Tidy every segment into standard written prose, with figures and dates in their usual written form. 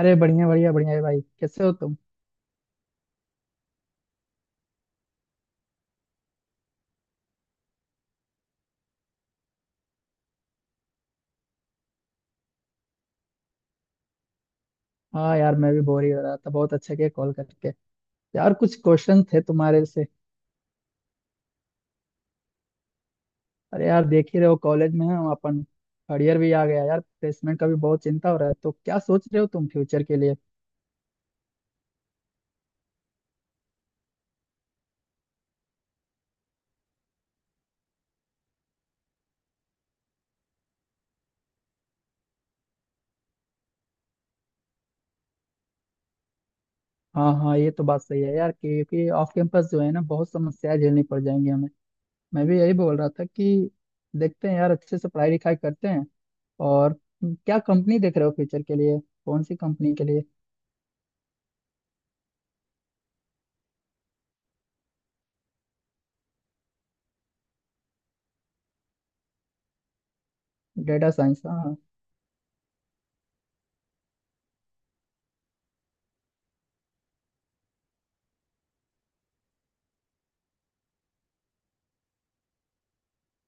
अरे बढ़िया बढ़िया बढ़िया है भाई। कैसे हो तुम? हाँ यार, मैं भी बोर ही हो रहा था। बहुत अच्छा किया कॉल करके। यार कुछ क्वेश्चन थे तुम्हारे से। अरे यार, देख ही रहे हो कॉलेज में है हम, अपन। थर्ड ईयर भी आ गया यार, प्लेसमेंट का भी बहुत चिंता हो रहा है। तो क्या सोच रहे हो तुम फ्यूचर के लिए? हाँ हाँ, ये तो बात सही है यार, क्योंकि ऑफ कैंपस जो है ना बहुत समस्याएं झेलनी पड़ जाएंगी हमें। मैं भी यही बोल रहा था कि देखते हैं यार, अच्छे से पढ़ाई लिखाई करते हैं। और क्या कंपनी देख रहे हो फ्यूचर के लिए? कौन सी कंपनी के लिए? डेटा साइंस, हाँ हाँ।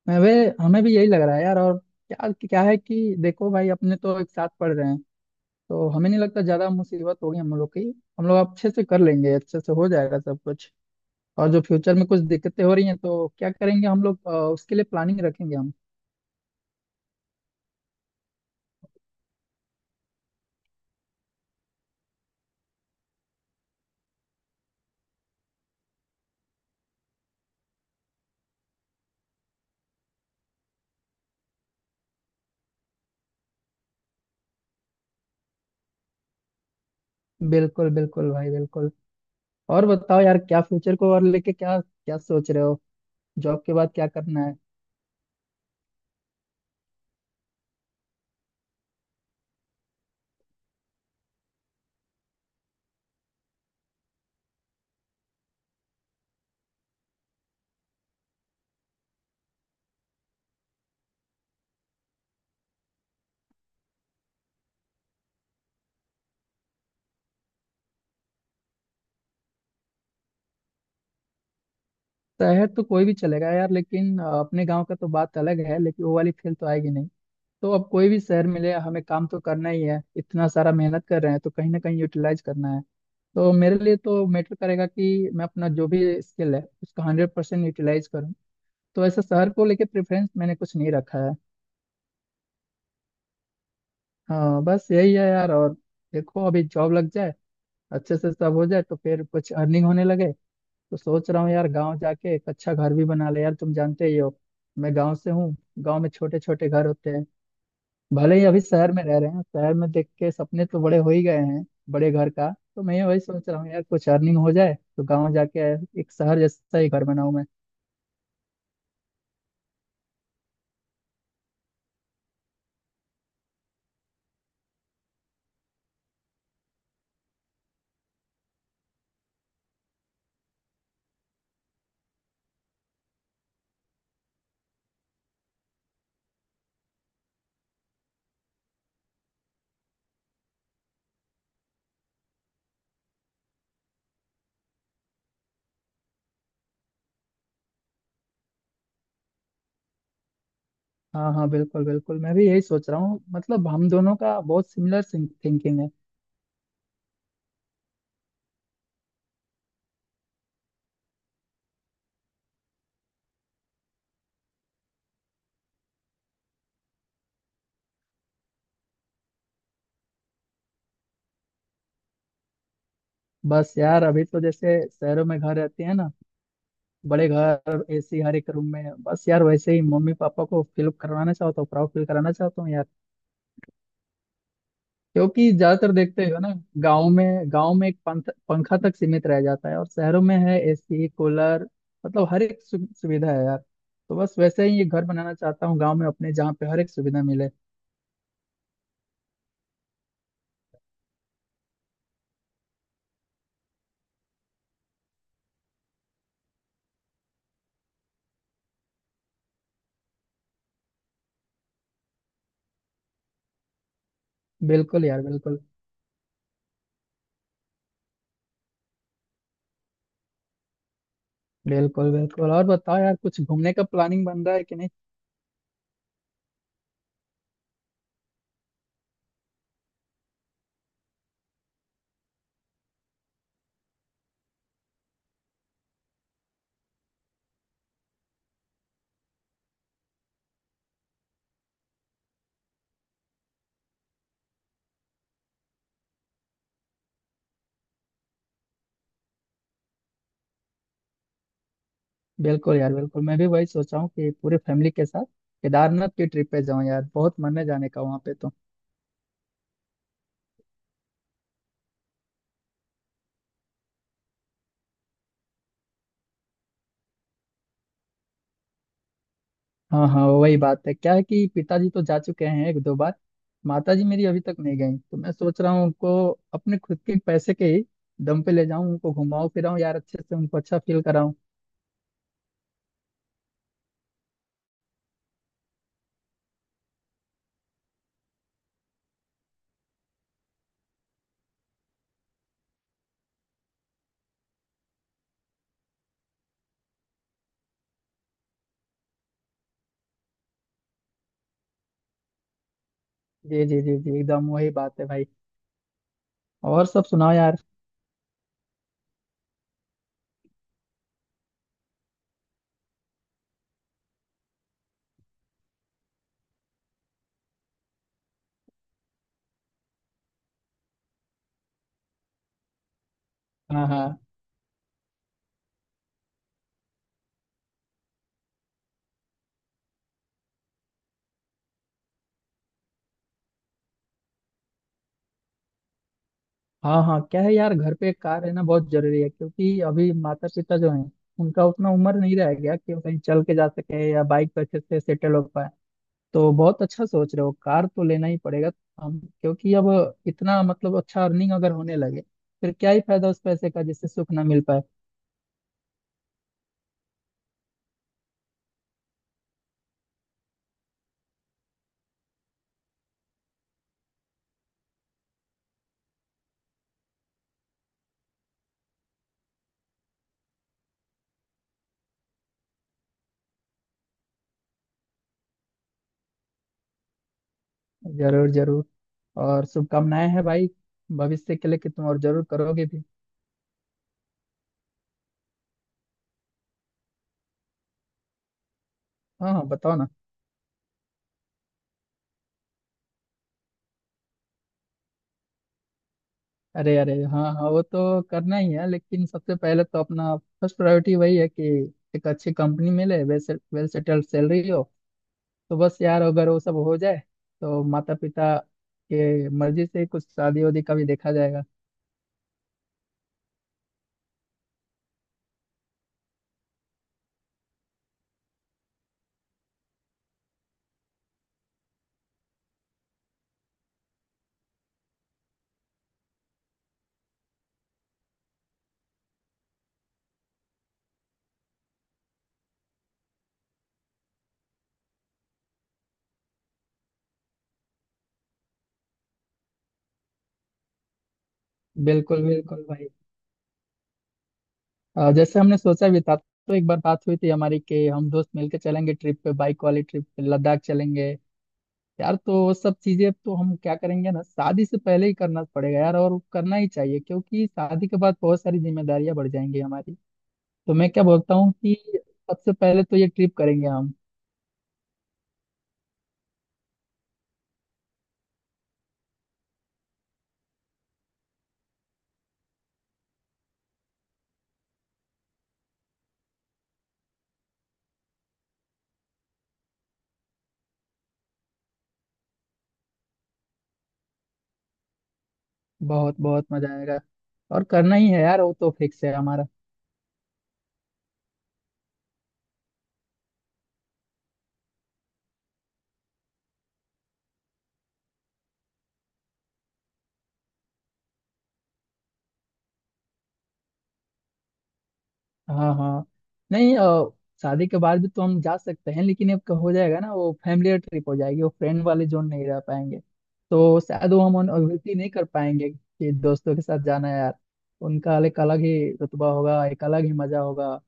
मैं वे हमें भी यही लग रहा है यार। और क्या क्या है कि देखो भाई, अपने तो एक साथ पढ़ रहे हैं, तो हमें नहीं लगता ज्यादा मुसीबत होगी हम लोग की। हम लोग अच्छे से कर लेंगे, अच्छे से हो जाएगा सब कुछ। और जो फ्यूचर में कुछ दिक्कतें हो रही हैं तो क्या करेंगे हम लोग, उसके लिए प्लानिंग रखेंगे हम। बिल्कुल बिल्कुल भाई, बिल्कुल। और बताओ यार, क्या फ्यूचर को और लेके क्या क्या सोच रहे हो? जॉब के बाद क्या करना है? शहर तो कोई भी चलेगा यार, लेकिन अपने गाँव का तो बात अलग है, लेकिन वो वाली फील तो आएगी नहीं। तो अब कोई भी शहर मिले, हमें काम तो करना ही है। इतना सारा मेहनत कर रहे हैं तो कहीं ना कहीं यूटिलाइज करना है। तो मेरे लिए तो मैटर करेगा कि मैं अपना जो भी स्किल है उसका हंड्रेड परसेंट यूटिलाइज करूँ। तो ऐसा शहर को लेके प्रेफरेंस मैंने कुछ नहीं रखा है। हाँ बस यही है यार। और देखो, अभी जॉब लग जाए, अच्छे से सब हो जाए, तो फिर कुछ अर्निंग होने लगे। तो सोच रहा हूँ यार, गाँव जाके एक अच्छा घर भी बना ले। यार तुम जानते ही हो, मैं गाँव से हूँ। गाँव में छोटे छोटे घर होते हैं। भले ही अभी शहर में रह रहे हैं, शहर में देख के सपने तो बड़े हो ही गए हैं, बड़े घर का। तो मैं वही सोच रहा हूँ यार, कुछ अर्निंग हो जाए तो गांव जाके एक शहर जैसा ही घर बनाऊं मैं। हाँ हाँ बिल्कुल बिल्कुल, मैं भी यही सोच रहा हूँ। मतलब हम दोनों का बहुत सिमिलर थिंकिंग है। बस यार, अभी तो जैसे शहरों में घर रहते हैं ना, बड़े घर, एसी हर एक रूम में, बस यार वैसे ही मम्मी पापा को फील करवाना चाहता हूँ। प्राउड फील कराना चाहता हूँ यार। क्योंकि ज्यादातर देखते हो ना, गांव में, गांव में एक पंखा तक सीमित रह जाता है, और शहरों में है एसी कूलर। मतलब हर एक सुविधा है यार। तो बस वैसे ही ये घर बनाना चाहता हूँ गांव में अपने, जहाँ पे हर एक सुविधा मिले। बिल्कुल यार बिल्कुल। बिल्कुल बिल्कुल। और बताओ यार, कुछ घूमने का प्लानिंग बन रहा है कि नहीं? बिल्कुल यार बिल्कुल, मैं भी वही सोचा हूँ कि पूरे फैमिली के साथ केदारनाथ की ट्रिप पे जाऊँ यार। बहुत मन है जाने का वहाँ पे तो। हाँ हाँ, वही बात है। क्या है कि पिताजी तो जा चुके हैं एक दो बार, माताजी मेरी अभी तक नहीं गई, तो मैं सोच रहा हूँ उनको अपने खुद के पैसे के ही दम पे ले जाऊँ। उनको घुमाऊं फिराऊं यार, अच्छे से उनको अच्छा फील कराऊं। जी जी जी जी, एकदम वही बात है भाई। और सब सुनाओ यार। हाँ हाँ हाँ हाँ, क्या है यार, घर पे एक कार रहना बहुत जरूरी है। क्योंकि अभी माता पिता जो हैं, उनका उतना उम्र नहीं रह गया कि वो कहीं चल के जा सके या बाइक पर अच्छे से सेटल हो पाए। तो बहुत अच्छा सोच रहे हो, कार तो लेना ही पड़ेगा हम। क्योंकि अब इतना, मतलब अच्छा अर्निंग अगर होने लगे, फिर क्या ही फायदा उस पैसे का जिससे सुख ना मिल पाए। जरूर जरूर। और शुभकामनाएं हैं भाई, भविष्य के लिए कि तुम और जरूर करोगे भी। हाँ हाँ बताओ ना। अरे अरे, हाँ हाँ, वो तो करना ही है, लेकिन सबसे पहले तो अपना फर्स्ट प्रायोरिटी वही है कि एक अच्छी कंपनी मिले, वेल वेल सेटल्ड सैलरी हो। तो बस यार, अगर वो सब हो जाए, तो माता पिता के मर्जी से कुछ शादी वादी का भी देखा जाएगा। बिल्कुल बिल्कुल भाई। जैसे हमने सोचा भी था, तो एक बार बात हुई थी हमारी कि हम दोस्त मिलके चलेंगे ट्रिप पे, बाइक वाली ट्रिप पे, लद्दाख चलेंगे यार। तो वो सब चीजें तो हम क्या करेंगे ना, शादी से पहले ही करना पड़ेगा यार। और करना ही चाहिए, क्योंकि शादी के बाद बहुत सारी जिम्मेदारियां बढ़ जाएंगी हमारी। तो मैं क्या बोलता हूँ कि सबसे पहले तो ये ट्रिप करेंगे हम। बहुत बहुत मजा आएगा। और करना ही है यार, वो तो फिक्स है हमारा। हाँ हाँ। नहीं, शादी के बाद भी तो हम जा सकते हैं, लेकिन अब हो जाएगा ना वो फैमिली ट्रिप हो जाएगी, वो फ्रेंड वाले जोन नहीं रह पाएंगे। तो शायद वो हम अनुभूति नहीं कर पाएंगे कि दोस्तों के साथ जाना है यार। उनका एक अलग ही रुतबा होगा, एक अलग ही मजा होगा।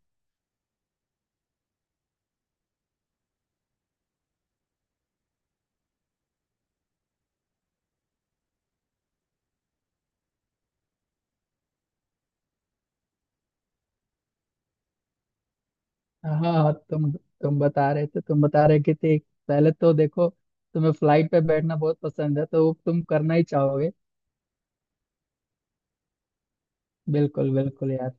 हाँ हाँ, तुम बता रहे थे, तुम बता रहे कि थे। पहले तो देखो, तुम्हें फ्लाइट पे बैठना बहुत पसंद है, तो वो तुम करना ही चाहोगे। बिल्कुल बिल्कुल यार।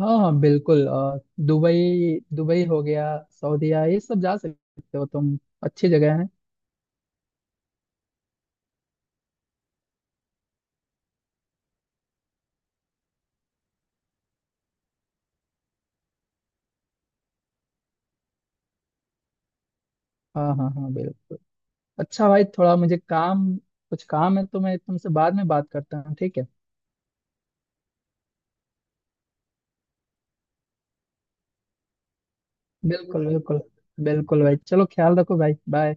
हाँ हाँ बिल्कुल। दुबई, दुबई हो गया, सऊदीया, ये सब जा सकते हो तुम। अच्छी जगह है। हाँ हाँ हाँ बिल्कुल। अच्छा भाई, थोड़ा मुझे काम, कुछ काम है, तो मैं तुमसे बाद में बात करता हूँ, ठीक है? बिल्कुल बिल्कुल। बिल्कुल भाई, चलो ख्याल रखो भाई, बाय।